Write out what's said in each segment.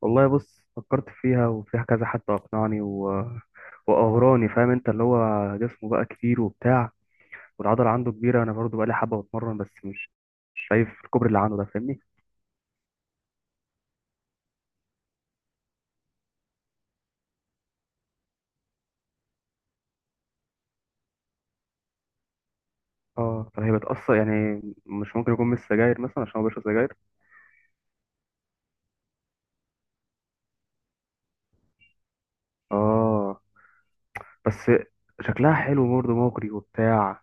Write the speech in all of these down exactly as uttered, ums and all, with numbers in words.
والله بص فكرت فيها وفيها كذا حد اقنعني و... واغراني، فاهم؟ انت اللي هو جسمه بقى كتير وبتاع، والعضله عنده كبيره. انا برضو بقى لي حبه بتمرن بس مش مش شايف الكوبري اللي عنده ده، فاهمني؟ اه، فهي بتاثر يعني؟ مش ممكن يكون من السجاير مثلا عشان هو بيشرب سجاير. اه. بس شكلها حلو برضه، مغري وبتاع.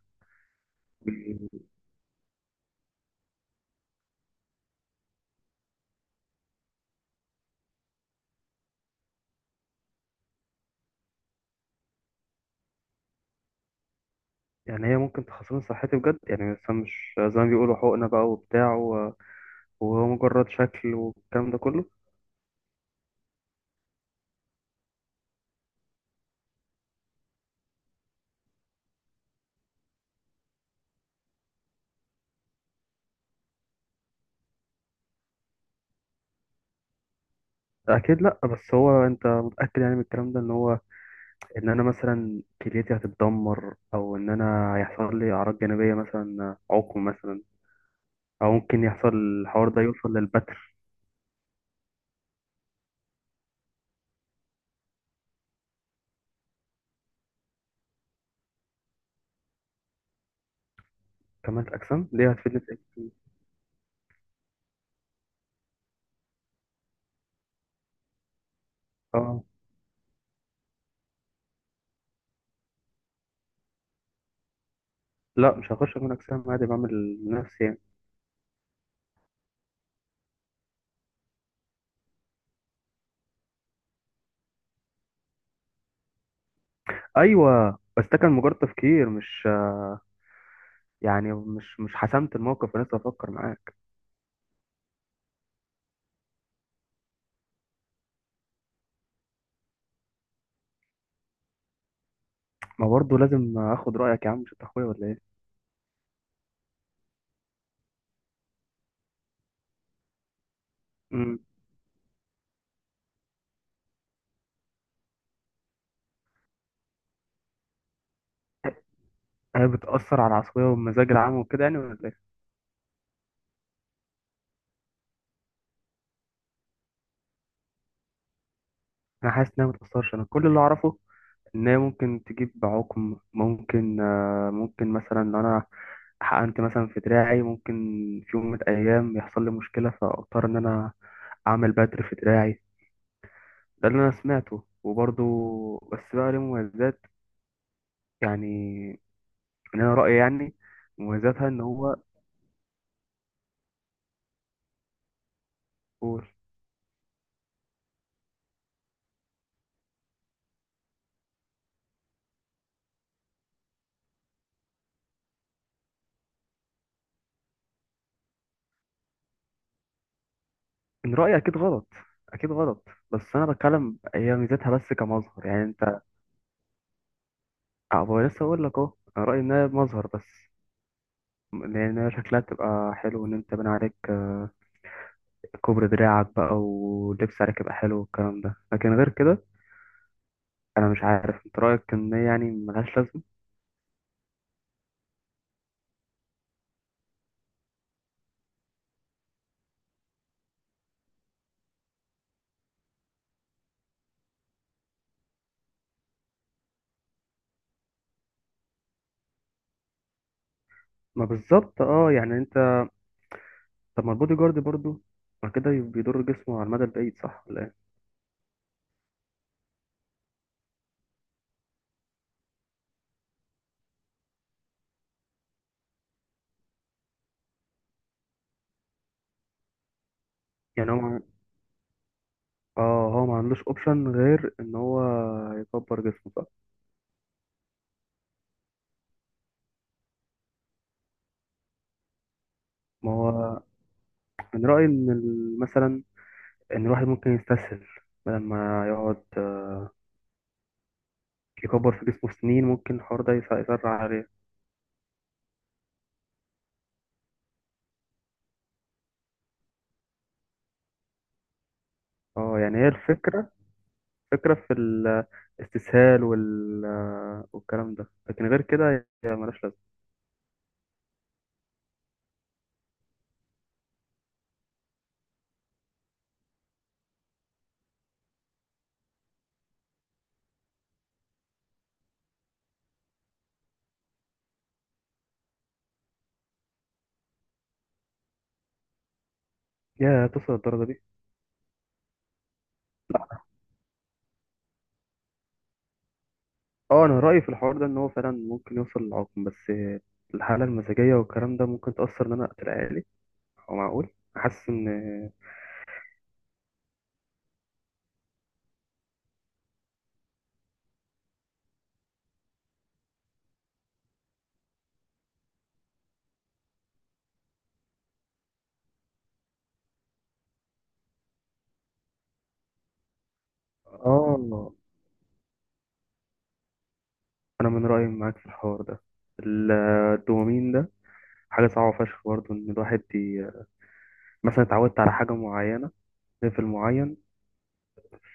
يعني هي ممكن تخسرني صحتي بجد يعني؟ مثلا مش زي ما بيقولوا حقنه بقى وبتاع و- وهو مجرد شكل والكلام ده كله. اكيد لا، بس هو انت متاكد يعني من الكلام ده ان هو ان انا مثلا كليتي هتتدمر؟ او ان انا هيحصل لي اعراض جانبيه مثلا، عقم مثلا؟ او ممكن يحصل الحوار ده يوصل للبتر؟ كمال الاجسام دي هتفيدني في ايه؟ اه. لا مش هخش كمال اجسام، عادي بعمل لنفسي يعني. ايوه، بس ده كان مجرد تفكير، مش يعني مش مش حسمت الموقف ولسه بفكر معاك. ما برضه لازم اخد رايك يا عم، مش انت اخويا ولا ايه؟ امم. هي بتاثر على العصبيه والمزاج العام وكده يعني ولا ايه؟ انا حاسس انها ما تاثرش. انا كل اللي اعرفه ان هي ممكن تجيب عقم، ممكن آه، ممكن مثلا لو انا حقنت مثلا في دراعي ممكن في يوم من الايام يحصل لي مشكله فاضطر ان انا اعمل بتر في دراعي. ده اللي انا سمعته، وبرضه بس بقى ليه مميزات. يعني ان انا رايي يعني مميزاتها ان هو. قول. ان رايي اكيد غلط، اكيد غلط، بس انا بتكلم هي ميزتها بس كمظهر يعني، انت. أه، بقول- لسه اقول لك، اهو انا رايي انها مظهر بس، لأن شكلها بتبقى حلو، إن أنت بنى عليك آه، كوبري دراعك بقى ولبس عليك يبقى حلو والكلام ده، لكن غير كده أنا مش عارف. أنت رأيك إن هي يعني ملهاش لازمة؟ ما بالظبط، أه، يعني أنت. طب ما البودي جارد برضه ما كده بيضر جسمه على المدى البعيد صح ولا إيه؟ يعني هو ما- اه هو ما عندوش اوبشن غير ان هو يكبر جسمه، صح؟ ما هو من رأيي ان ال- مثلا ان الواحد ممكن يستسهل بدل ما يقعد آه، يكبر في جسمه سنين، ممكن الحوار ده يس- يسرع عليه. اه يعني هي الفكرة، فكرة في الاستسهال وال... والكلام ده، لكن غير كده هي ملهاش لازمة. يا توصل للدرجة دي؟ لا. اه انا رأيي في الحوار ده ان هو فعلا ممكن يوصل للعقم، بس الحالة المزاجية والكلام ده ممكن تأثر ان انا اقتل عيالي؟ هو معقول؟ حاسس ان. اه، انا من رأيي معاك في الحوار ده. ال- الدوبامين ده حاجة صعبة فشخ برضه، ان الواحد ي... مثلا اتعودت على حاجة معينة، ليفل معين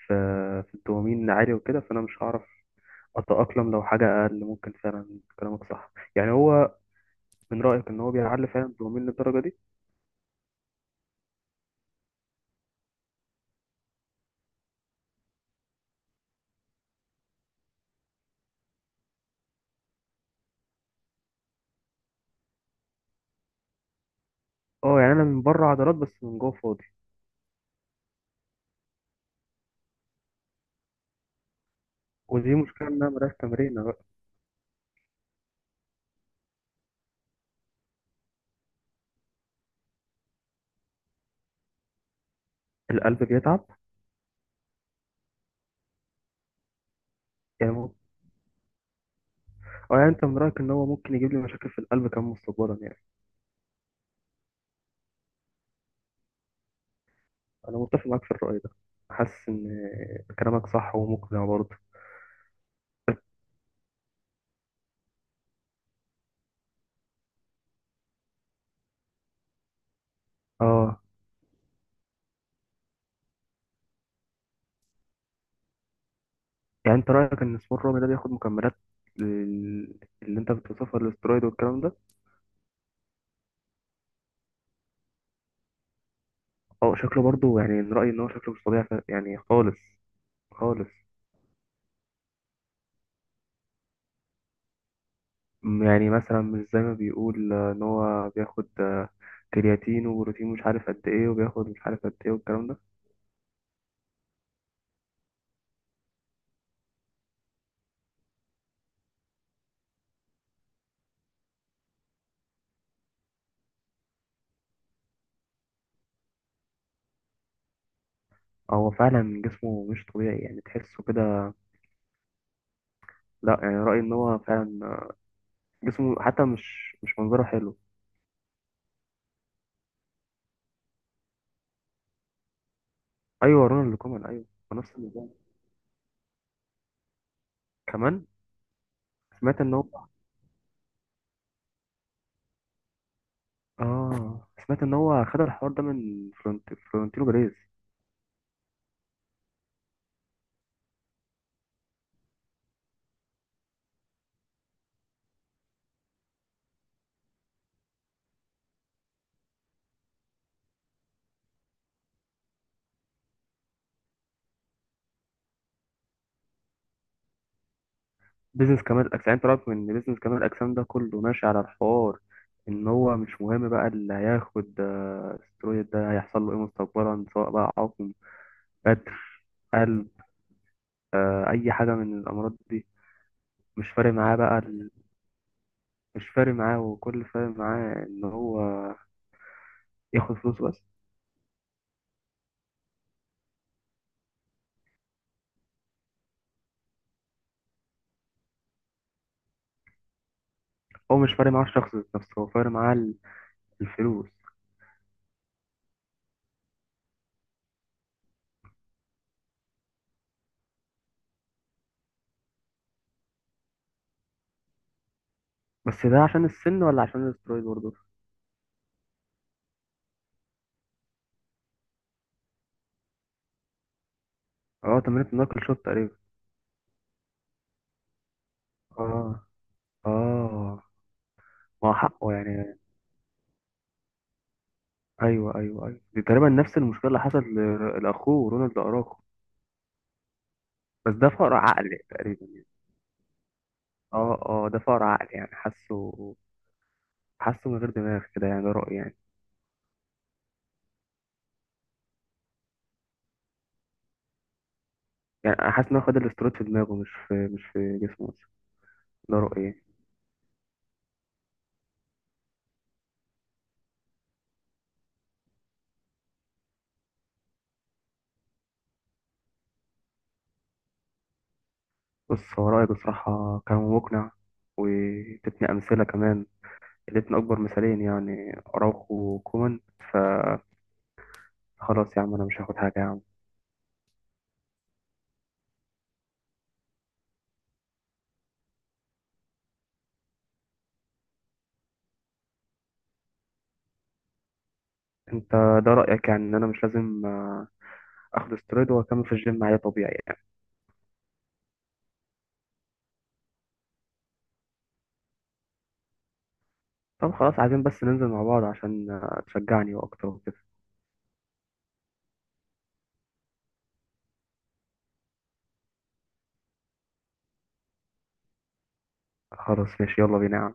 في في الدوبامين عالي وكده، فانا مش هعرف أتأقلم لو حاجة أقل. ممكن فعلا كلامك صح يعني هو. من رأيك إن هو بيعلي فعلا الدوبامين للدرجة دي؟ أه يعني أنا من بره عضلات بس من جوه فاضي. ودي مشكلة إنها ملهاش تمرين بقى. القلب بيتعب يعني مو... أه يعني أنت من رأيك إن هو ممكن يجيب لي مشاكل في القلب كمان مستقبلا يعني؟ أنا متفق معاك في الرأي ده. حاسس إن كلامك صح ومقنع برضه. أه يعني أنت رأيك إن سبور الرمي ده بياخد مكملات لل- اللي أنت بتوصفها الاسترويد والكلام ده؟ أه شكله برضه يعني، من رأيي إن هو شكله مش طبيعي ف- يعني خالص، خالص. م- يعني مثلا مش زي ما بيقول آه، ان هو بياخد آه، كرياتين وبروتين مش عارف قد ايه، وبياخد مش عارف قد ايه والكلام ده. هو فعلا جسمه مش طبيعي يعني تحسه كده؟ لا يعني رأيي ان هو فعلا آه، جسمه حتى مش مش منظره حلو. ايوه رونالد كومان، ايوه. هو نفس النظام كمان. سمعت ان هو، اه سمعت ان هو خد الحوار ده من فلورنت- فلورنتينو بيريز. بيزنس كمال الاجسام. يعني انت رأيك ان بيزنس كمال الاجسام ده كله ماشي على الحوار ان هو مش مهم بقى اللي هياخد آه، استرويد ده هيحصل له ايه مستقبلا، سواء بقى عقم، بتر، قلب، آه، اي حاجه من الامراض دي؟ مش فارق معاه بقى ال-. مش فارق معاه، وكل اللي فارق معاه ان هو ياخد فلوس بس. هو مش فارق معاه الشخص ذات نفسه، هو فارق معاه ال- الفلوس. بس ده عشان السن ولا عشان الاسترويد برضه؟ اه، تمانيه نقل شوت تقريبا. اه. اه. ما هو حقه يعني. ايوه ايوه ايوه، دي تقريبا نفس المشكله اللي حصلت ل- لاخوه رونالد اراخو. بس ده فقر عقل تقريبا. اه اه، ده فقر عقل يعني حاسه، حاسه من غير دماغ كده يعني، ده رايي يعني. يعني انا حاسس ان هو خد الاسترويد في دماغه، مش في مش في جسمه بس. ده رايي يعني. بص هو رايي بصراحه كان مقنع، وادتني امثله كمان، ادتني اكبر مثالين يعني، اراخو وكومان. فخلاص يا عم انا مش هاخد حاجه يا عم. انت ده رايك يعني ان انا مش لازم آه، اخد استرويد واكمل في الجيم عادي طبيعي يعني. طب خلاص، عايزين بس ننزل مع بعض عشان آه، تشجعني واكتر وكده. خلاص ماشي، يلا بينا يا عم.